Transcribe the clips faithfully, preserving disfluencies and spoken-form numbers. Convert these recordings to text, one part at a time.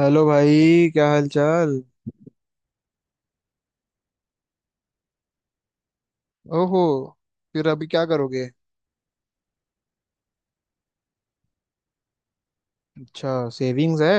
Hello भाई, क्या हाल चाल। ओहो। फिर अभी क्या करोगे? अच्छा, सेविंग्स है?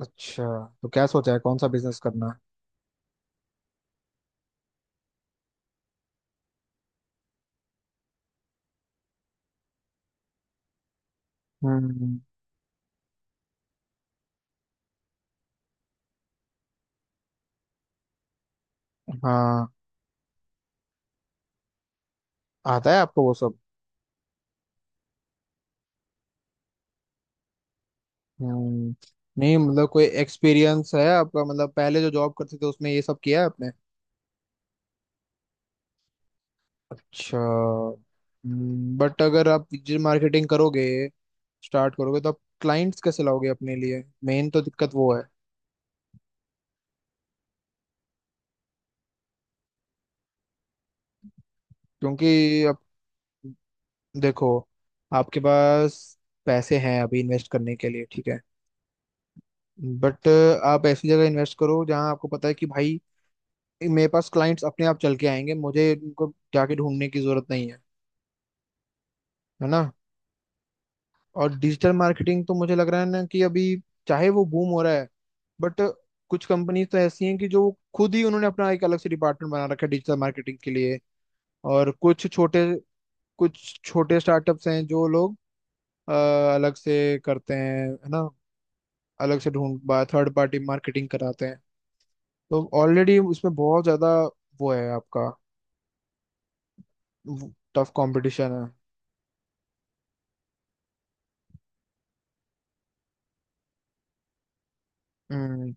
अच्छा, तो क्या सोचा है कौन सा बिजनेस करना है? हम्म। हाँ। आता है आपको वो सब? हम्म नहीं, मतलब कोई एक्सपीरियंस है आपका? मतलब पहले जो जॉब करते थे उसमें ये सब किया है आपने? अच्छा। हम्म, बट अगर आप डिजिटल मार्केटिंग करोगे स्टार्ट करोगे तो आप क्लाइंट्स कैसे लाओगे अपने लिए, मेन तो दिक्कत वो है। क्योंकि अब देखो, आपके पास पैसे हैं अभी इन्वेस्ट करने के लिए, ठीक है। बट आप ऐसी जगह इन्वेस्ट करो जहां आपको पता है कि भाई, मेरे पास क्लाइंट्स अपने आप चल के आएंगे, मुझे इनको जाके ढूंढने की जरूरत नहीं है, है ना। और डिजिटल मार्केटिंग तो मुझे लग रहा है ना कि अभी चाहे वो बूम हो रहा है, बट कुछ कंपनीज तो ऐसी हैं कि जो खुद ही उन्होंने अपना एक अलग से डिपार्टमेंट बना रखा है डिजिटल मार्केटिंग के लिए। और कुछ छोटे कुछ छोटे स्टार्टअप्स हैं जो लोग अ, अलग से करते हैं, है ना, अलग से ढूंढ बा थर्ड पार्टी मार्केटिंग कराते हैं, तो ऑलरेडी उसमें बहुत ज्यादा वो है आपका, टफ कंपटीशन है। हम्म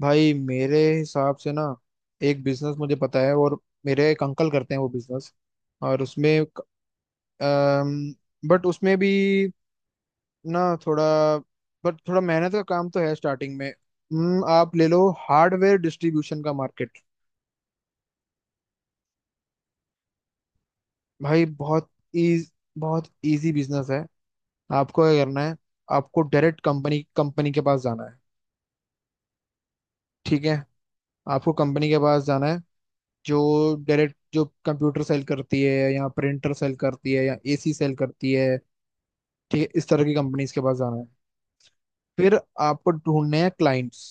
भाई, मेरे हिसाब से ना एक बिजनेस मुझे पता है, और मेरे एक अंकल करते हैं वो बिजनेस, और उसमें बट उसमें भी ना थोड़ा बट थोड़ा मेहनत का काम तो है स्टार्टिंग में। हम्म, आप ले लो हार्डवेयर डिस्ट्रीब्यूशन का मार्केट। भाई बहुत इज बहुत इजी बिजनेस है। आपको क्या करना है? आपको डायरेक्ट कंपनी कंपनी के पास जाना है, ठीक है, आपको कंपनी के पास जाना है जो डायरेक्ट जो कंप्यूटर सेल करती है या प्रिंटर सेल करती है या एसी सेल करती है, ठीक है, इस तरह की कंपनीज के पास जाना है। फिर आपको ढूंढने हैं क्लाइंट्स,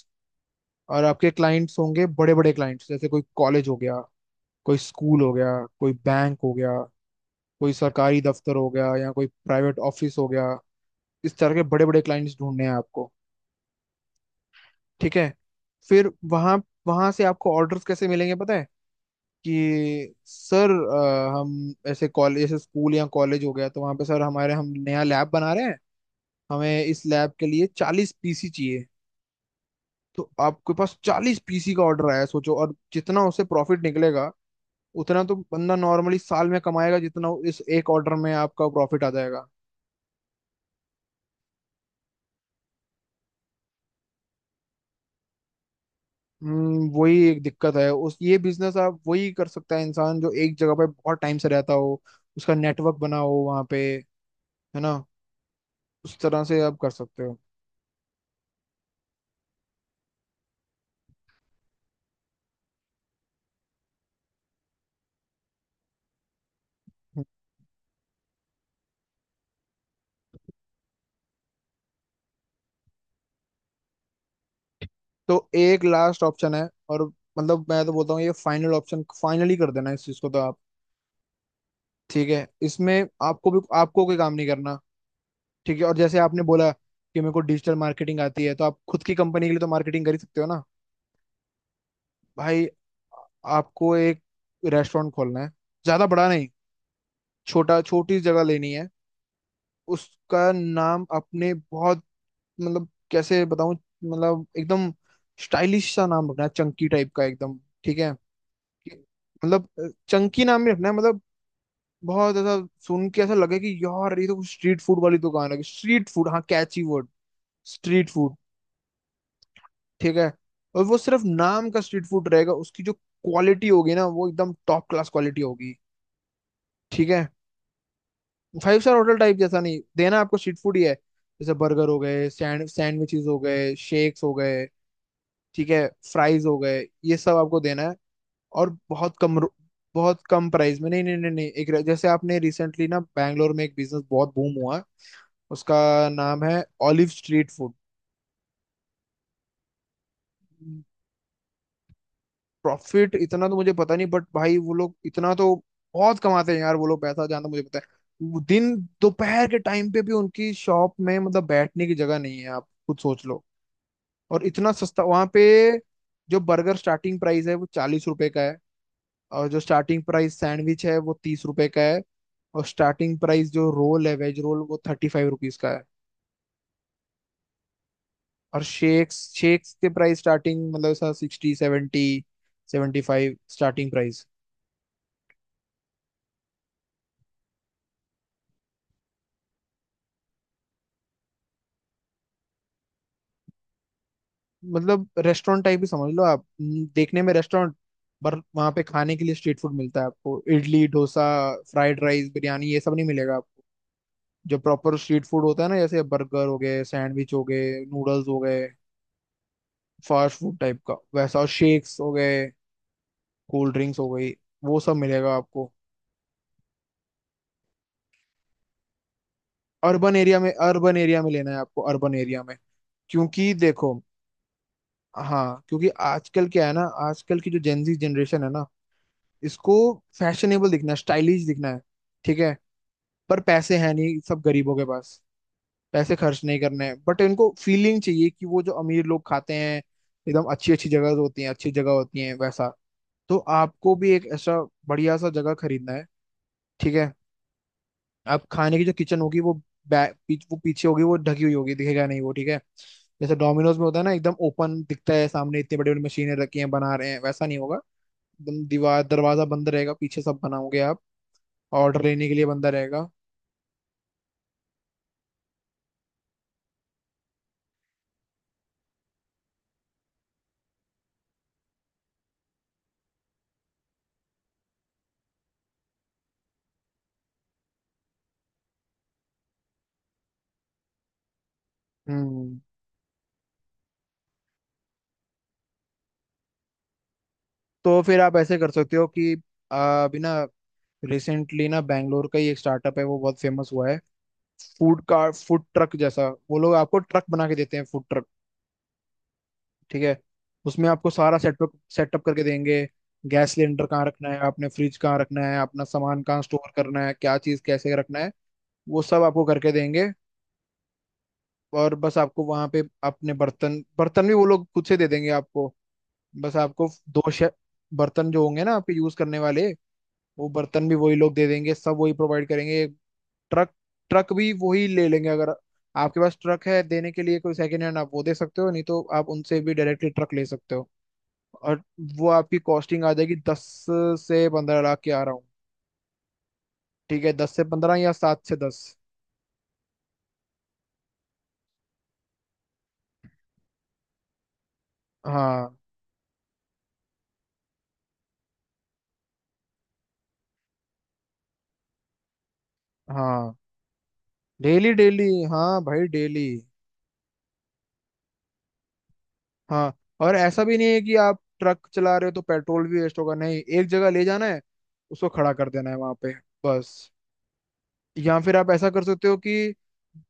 और आपके क्लाइंट्स होंगे बड़े बड़े क्लाइंट्स, जैसे कोई कॉलेज हो गया, कोई स्कूल हो गया, कोई बैंक हो गया, कोई सरकारी दफ्तर हो गया या कोई प्राइवेट ऑफिस हो गया, इस तरह के बड़े बड़े क्लाइंट्स ढूंढने हैं आपको, ठीक है। फिर वहां वहां से आपको ऑर्डर्स कैसे मिलेंगे पता है? कि सर अ, हम ऐसे कॉलेज ऐसे स्कूल या कॉलेज हो गया तो वहां पे सर हमारे हम नया लैब बना रहे हैं, हमें इस लैब के लिए चालीस पीसी चाहिए। तो आपके पास चालीस पीसी का ऑर्डर आया है, सोचो, और जितना उसे प्रॉफिट निकलेगा उतना तो बंदा नॉर्मली साल में कमाएगा, जितना इस एक ऑर्डर में आपका प्रॉफिट आ जाएगा। हम्म, वही एक दिक्कत है, उस ये बिजनेस आप वही कर सकता है इंसान जो एक जगह पे बहुत टाइम से रहता हो, उसका नेटवर्क बना हो वहाँ पे, है ना, उस तरह से आप कर सकते हो। तो एक लास्ट ऑप्शन है और मतलब मैं तो बोलता हूँ ये फाइनल ऑप्शन फाइनली कर देना इस चीज को तो आप, ठीक है, इसमें आपको भी आपको कोई काम नहीं करना, ठीक है। और जैसे आपने बोला कि मेरे को डिजिटल मार्केटिंग आती है तो आप खुद की कंपनी के लिए तो मार्केटिंग कर ही सकते हो ना। भाई, आपको एक रेस्टोरेंट खोलना है, ज्यादा बड़ा नहीं, छोटा छोटी जगह लेनी है। उसका नाम आपने बहुत, मतलब कैसे बताऊं, मतलब एकदम स्टाइलिश सा नाम रखना है, चंकी टाइप का एकदम, ठीक है, कि- मतलब चंकी नाम ही रखना है, मतलब बहुत ऐसा सुन के ऐसा लगे कि यार ये तो स्ट्रीट फूड वाली दुकान है। स्ट्रीट फूड, हाँ कैची वर्ड, स्ट्रीट फूड, ठीक है। और वो सिर्फ नाम का स्ट्रीट फूड रहेगा, उसकी जो क्वालिटी होगी ना वो एकदम टॉप क्लास क्वालिटी होगी, ठीक है। फाइव स्टार होटल टाइप जैसा नहीं देना आपको, स्ट्रीट फूड ही है, जैसे बर्गर हो गए, सैंड सैंडविचेस हो गए, शेक्स हो गए, ठीक है, फ्राइज हो गए, ये सब आपको देना है। और बहुत कम रु- बहुत कम प्राइस में, नहीं नहीं नहीं नहीं, एक जैसे आपने रिसेंटली ना बैंगलोर में एक बिजनेस बहुत बूम हुआ है, उसका नाम है ऑलिव स्ट्रीट फूड। प्रॉफिट इतना तो मुझे पता नहीं बट भाई वो लोग इतना तो बहुत कमाते हैं यार, वो लोग पैसा जानते, मुझे पता है, वो दिन दोपहर के टाइम पे भी उनकी शॉप में मतलब बैठने की जगह नहीं है, आप खुद सोच लो। और इतना सस्ता वहां पे, जो बर्गर स्टार्टिंग प्राइस है वो चालीस रुपए का है, और जो स्टार्टिंग प्राइस सैंडविच है वो तीस रुपए का है, और स्टार्टिंग प्राइस जो रोल है वेज रोल वो थर्टी फाइव रुपीज का है। और शेक्स, शेक्स के प्राइस स्टार्टिंग मतलब sixty seventy, seventy five starting price. मतलब रेस्टोरेंट टाइप ही समझ लो आप, हम्म, देखने में रेस्टोरेंट, पर वहाँ पे खाने के लिए स्ट्रीट फूड मिलता है आपको। इडली डोसा, फ्राइड राइस, बिरयानी ये सब नहीं मिलेगा आपको, जो प्रॉपर स्ट्रीट फूड होता है ना, जैसे बर्गर हो गए, सैंडविच हो गए, नूडल्स हो गए, फास्ट फूड टाइप का वैसा, और शेक्स हो गए, कोल्ड ड्रिंक्स हो गई, वो सब मिलेगा आपको। अर्बन एरिया में, अर्बन एरिया में लेना है आपको, अर्बन एरिया में, क्योंकि देखो, हाँ क्योंकि आजकल क्या है ना, आजकल की जो जेनजी जनरेशन है ना, इसको फैशनेबल दिखना है, स्टाइलिश दिखना है, ठीक है। पर पैसे हैं नहीं सब गरीबों के पास, पैसे खर्च नहीं करने हैं, बट इनको फीलिंग चाहिए कि वो जो अमीर लोग खाते हैं एकदम अच्छी अच्छी जगह होती हैं, अच्छी जगह होती हैं वैसा। तो आपको भी एक ऐसा बढ़िया सा जगह खरीदना है, ठीक है। अब खाने की जो किचन होगी वो बैक पीछ, वो पीछे होगी, वो ढकी हुई होगी, दिखेगा नहीं वो, ठीक है। जैसे डोमिनोज में होता है ना एकदम ओपन दिखता है सामने, इतनी बड़ी बड़ी मशीनें रखी हैं बना रहे हैं, वैसा नहीं होगा। एकदम दीवार दरवाजा बंद रहेगा, पीछे सब बनाओगे आप, ऑर्डर लेने के लिए बंदा रहेगा। हम्म, तो फिर आप ऐसे कर सकते हो कि आ, अभी ना रिसेंटली ना बैंगलोर का ही एक स्टार्टअप है, वो बहुत फेमस हुआ है, फूड का, फूड ट्रक जैसा, वो लोग आपको ट्रक बना के देते हैं, फूड ट्रक। ठीक है, उसमें आपको सारा सेटअप सेटअप करके देंगे, गैस सिलेंडर कहाँ रखना है आपने, फ्रिज कहाँ रखना है, अपना सामान कहाँ स्टोर करना है, क्या चीज़ कैसे रखना है, वो सब आपको करके देंगे। और बस आपको वहाँ पे अपने बर्तन, बर्तन भी वो लोग खुद से दे देंगे आपको, बस आपको दो शे- बर्तन जो होंगे ना आपके यूज़ करने वाले, वो बर्तन भी वही लोग दे देंगे, सब वही प्रोवाइड करेंगे। ट्रक ट्रक भी वही ले लेंगे, अगर आपके पास ट्रक है देने के लिए कोई सेकेंड हैंड आप वो दे सकते हो, नहीं तो आप उनसे भी डायरेक्टली ट्रक ले सकते हो। और वो आपकी कॉस्टिंग आ जाएगी दस से पंद्रह लाख के आ रहा हूँ, ठीक है, दस से पंद्रह या सात से दस। हाँ, हाँ, डेली डेली, हाँ भाई डेली, हाँ। और ऐसा भी नहीं है कि आप ट्रक चला रहे हो तो पेट्रोल भी वेस्ट होगा, नहीं, एक जगह ले जाना है, उसको खड़ा कर देना है वहां पे, बस। या फिर आप ऐसा कर सकते हो कि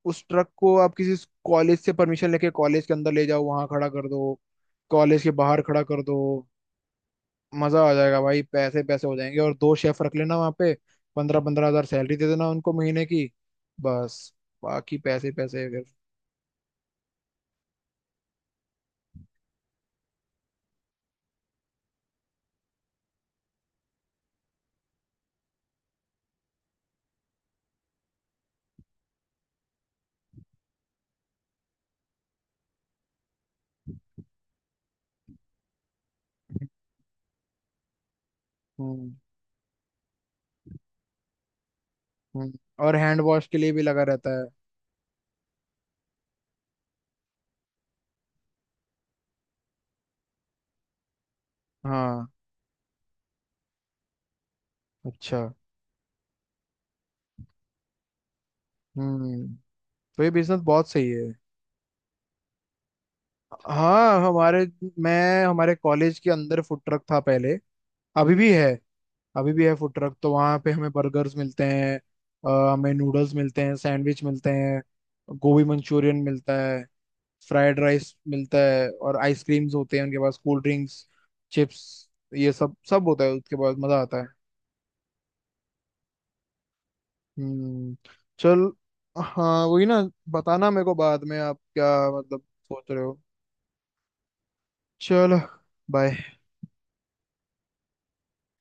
उस ट्रक को आप किसी कॉलेज से परमिशन लेके कॉलेज के अंदर ले जाओ, वहां खड़ा कर दो, कॉलेज के बाहर खड़ा कर दो, मजा आ जाएगा भाई, पैसे पैसे हो जाएंगे। और दो शेफ रख लेना वहां पे, पंद्रह पंद्रह हजार सैलरी दे देना उनको महीने की, बस, बाकी पैसे पैसे फिर। हम्म, हम्म, और हैंड वॉश के लिए भी लगा रहता है। हाँ, अच्छा, हम्म, तो ये बिजनेस बहुत सही है। हाँ, हमारे मैं हमारे कॉलेज के अंदर फूड ट्रक था पहले, अभी भी है, अभी भी है फूड ट्रक, तो वहाँ पे हमें बर्गर्स मिलते हैं, अ, हमें नूडल्स मिलते हैं, सैंडविच मिलते हैं, गोभी मंचूरियन मिलता है, फ्राइड राइस मिलता है, और आइसक्रीम्स होते हैं उनके पास, कोल्ड ड्रिंक्स, चिप्स, ये सब सब होता है उसके पास, मजा आता है। हम्म। चल, हाँ वही ना, बताना मेरे को बाद में आप क्या मतलब सोच रहे हो। चलो, बाय।